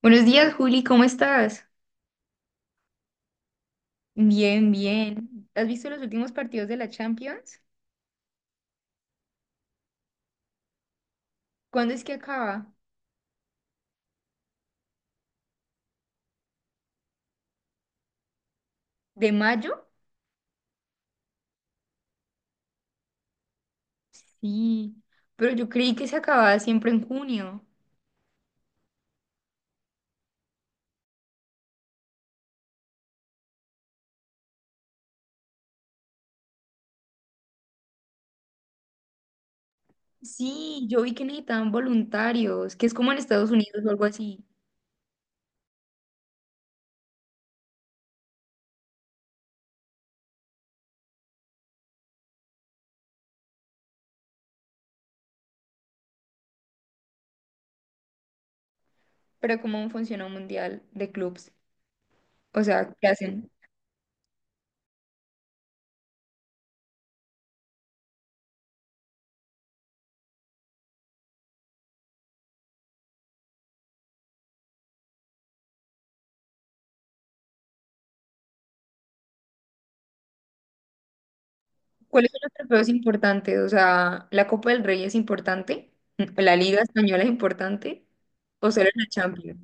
Buenos días, Juli, ¿cómo estás? Bien, bien. ¿Has visto los últimos partidos de la Champions? ¿Cuándo es que acaba? ¿De mayo? Sí, pero yo creí que se acababa siempre en junio. Sí, yo vi que necesitaban voluntarios, que es como en Estados Unidos o algo así. Pero ¿cómo funciona un mundial de clubes? O sea, ¿qué hacen? ¿Cuáles son los trofeos importantes? O sea, ¿la Copa del Rey es importante? ¿La Liga Española es importante? ¿O solo la Champions?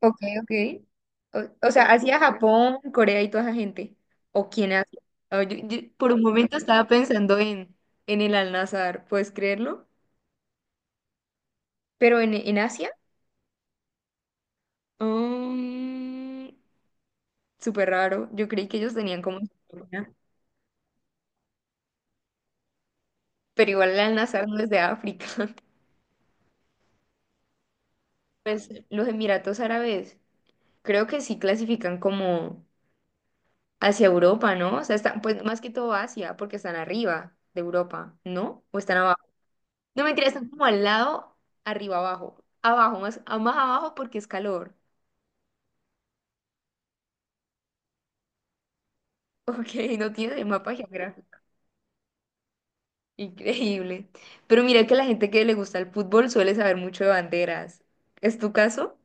Ok, ok. O sea, Asia, Japón, Corea y toda esa gente. ¿O quién hace? Ah, yo por un momento estaba pensando en el Al-Nazar, ¿puedes creerlo? Pero en Asia, mm, súper raro. Yo creí que ellos tenían como... una- Pero igual el Al-Nazar no es de África. Pues los Emiratos Árabes creo que sí clasifican como hacia Europa, ¿no? O sea, están, pues más que todo Asia, porque están arriba de Europa, ¿no? ¿O están abajo? No mentira, están como al lado, arriba, abajo. Abajo, más, más abajo porque es calor. Ok, no tiene mapa geográfico. Increíble. Pero mira que la gente que le gusta el fútbol suele saber mucho de banderas. ¿Es tu caso?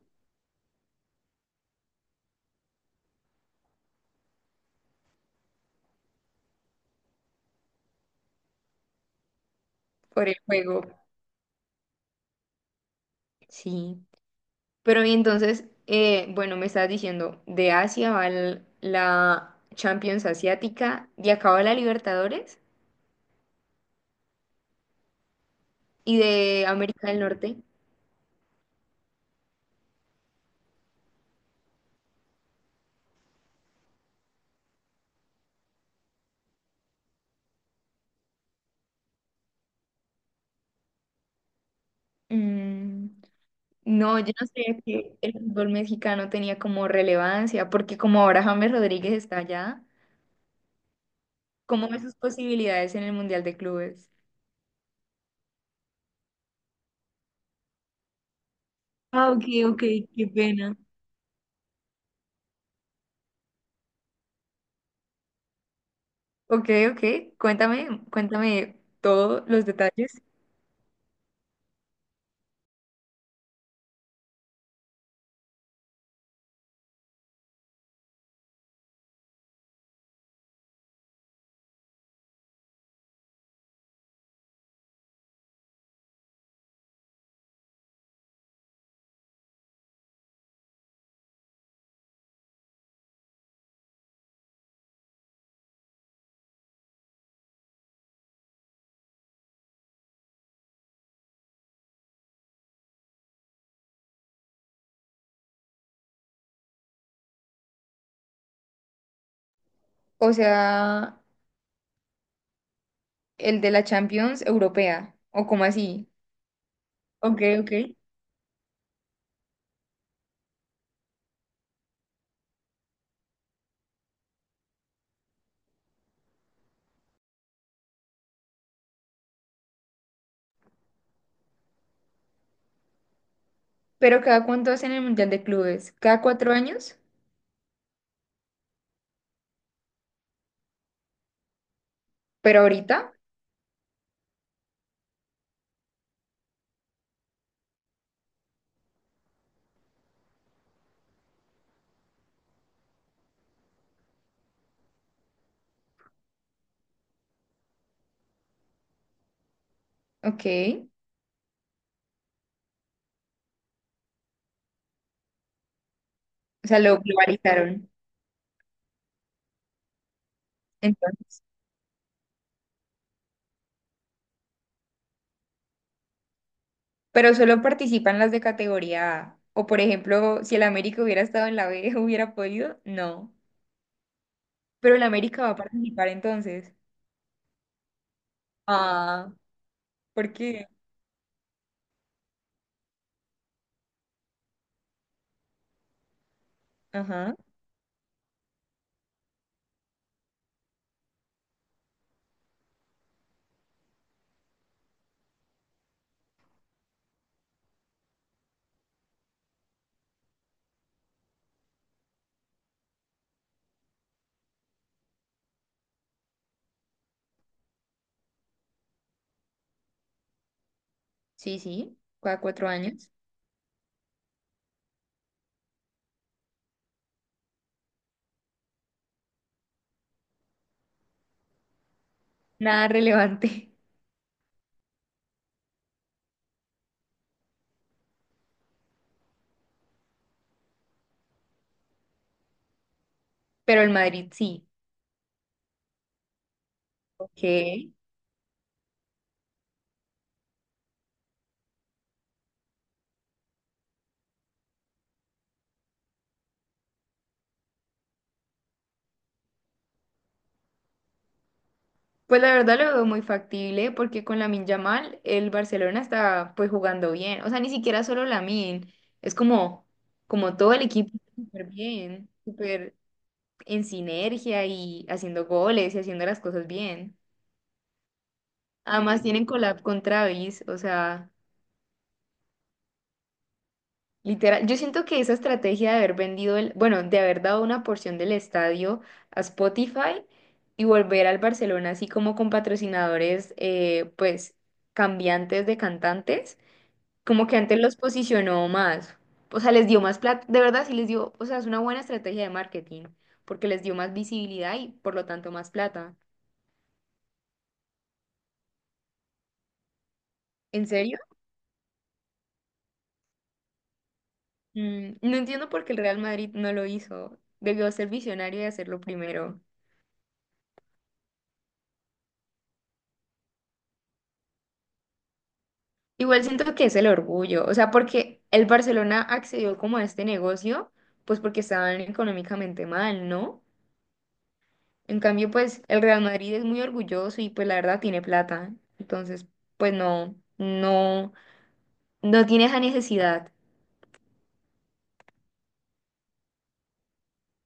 Por el juego. Sí. Pero y entonces, bueno, me estabas diciendo, de Asia va la Champions Asiática, de acá va la Libertadores y de América del Norte. Mm, No, yo no sabía que el fútbol mexicano tenía como relevancia, porque como ahora James Rodríguez está allá, ¿cómo ve sus posibilidades en el Mundial de Clubes? Ah, ok, ok, qué pena. Ok, ok, cuéntame, cuéntame todos los detalles. O sea, el de la Champions Europea, o como así. Ok, ok. Pero cada cuánto hacen el Mundial de Clubes, cada 4 años, pero ahorita, ok. O sea, lo globalizaron. Entonces, pero solo participan las de categoría A. O por ejemplo, si el América hubiera estado en la B, ¿hubiera podido? No. Pero el América va a participar entonces. Ah, ¿por qué? Ajá. Sí, sí, cada 4 años. Nada relevante, pero el Madrid sí. Ok. Pues la verdad lo veo muy factible porque con Lamine Yamal el Barcelona está pues jugando bien. O sea, ni siquiera solo Lamine, es como todo el equipo está súper bien, súper en sinergia y haciendo goles y haciendo las cosas bien. Además tienen collab con Travis, o sea, literal, yo siento que esa estrategia de haber vendido el, bueno, de haber dado una porción del estadio a Spotify y volver al Barcelona así como con patrocinadores, pues, cambiantes de cantantes, como que antes los posicionó más, o sea, les dio más plata, de verdad sí les dio, o sea, es una buena estrategia de marketing, porque les dio más visibilidad y por lo tanto más plata. ¿En serio? No entiendo por qué el Real Madrid no lo hizo. Debió ser visionario y hacerlo primero. Igual siento que es el orgullo, o sea, porque el Barcelona accedió como a este negocio, pues porque estaban económicamente mal, ¿no? En cambio, pues el Real Madrid es muy orgulloso y pues la verdad tiene plata. Entonces, pues no, no, no tiene esa necesidad.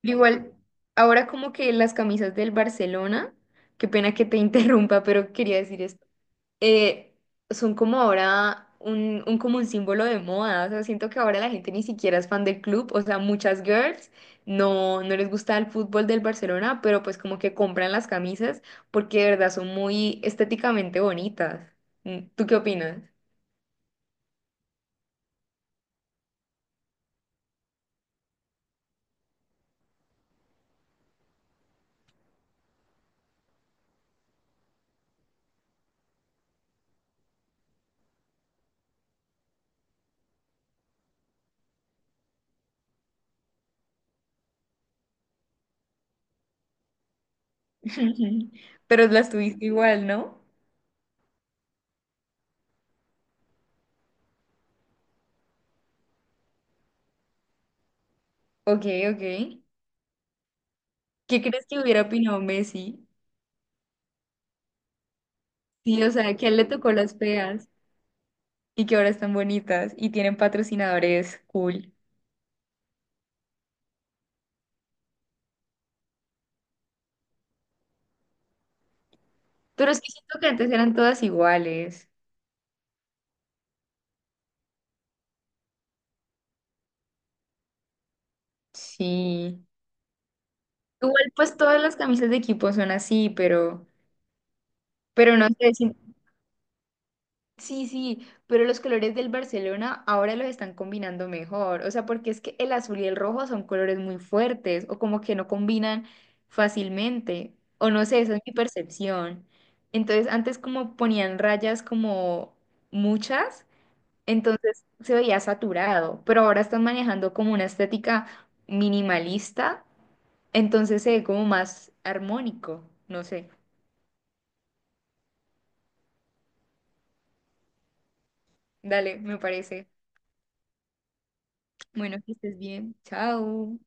Igual, ahora como que las camisas del Barcelona, qué pena que te interrumpa, pero quería decir esto. eh, son como ahora como un símbolo de moda. O sea, siento que ahora la gente ni siquiera es fan del club. O sea, muchas girls no, no les gusta el fútbol del Barcelona, pero pues como que compran las camisas porque de verdad son muy estéticamente bonitas. ¿Tú qué opinas? Pero las tuviste igual, ¿no? Ok, ok. ¿Qué crees que hubiera opinado Messi? Sí, o sea, que a él le tocó las feas y que ahora están bonitas y tienen patrocinadores cool. Pero es que siento que antes eran todas iguales. Sí. Igual pues todas las camisas de equipo son así, pero no sé. Sí, sí, pero los colores del Barcelona ahora los están combinando mejor. O sea, porque es que el azul y el rojo son colores muy fuertes o como que no combinan fácilmente. O no sé, esa es mi percepción. Entonces antes como ponían rayas como muchas. Entonces se veía saturado, pero ahora están manejando como una estética minimalista, entonces se ve como más armónico, no sé. Dale, me parece. Bueno, que estés bien. Chao.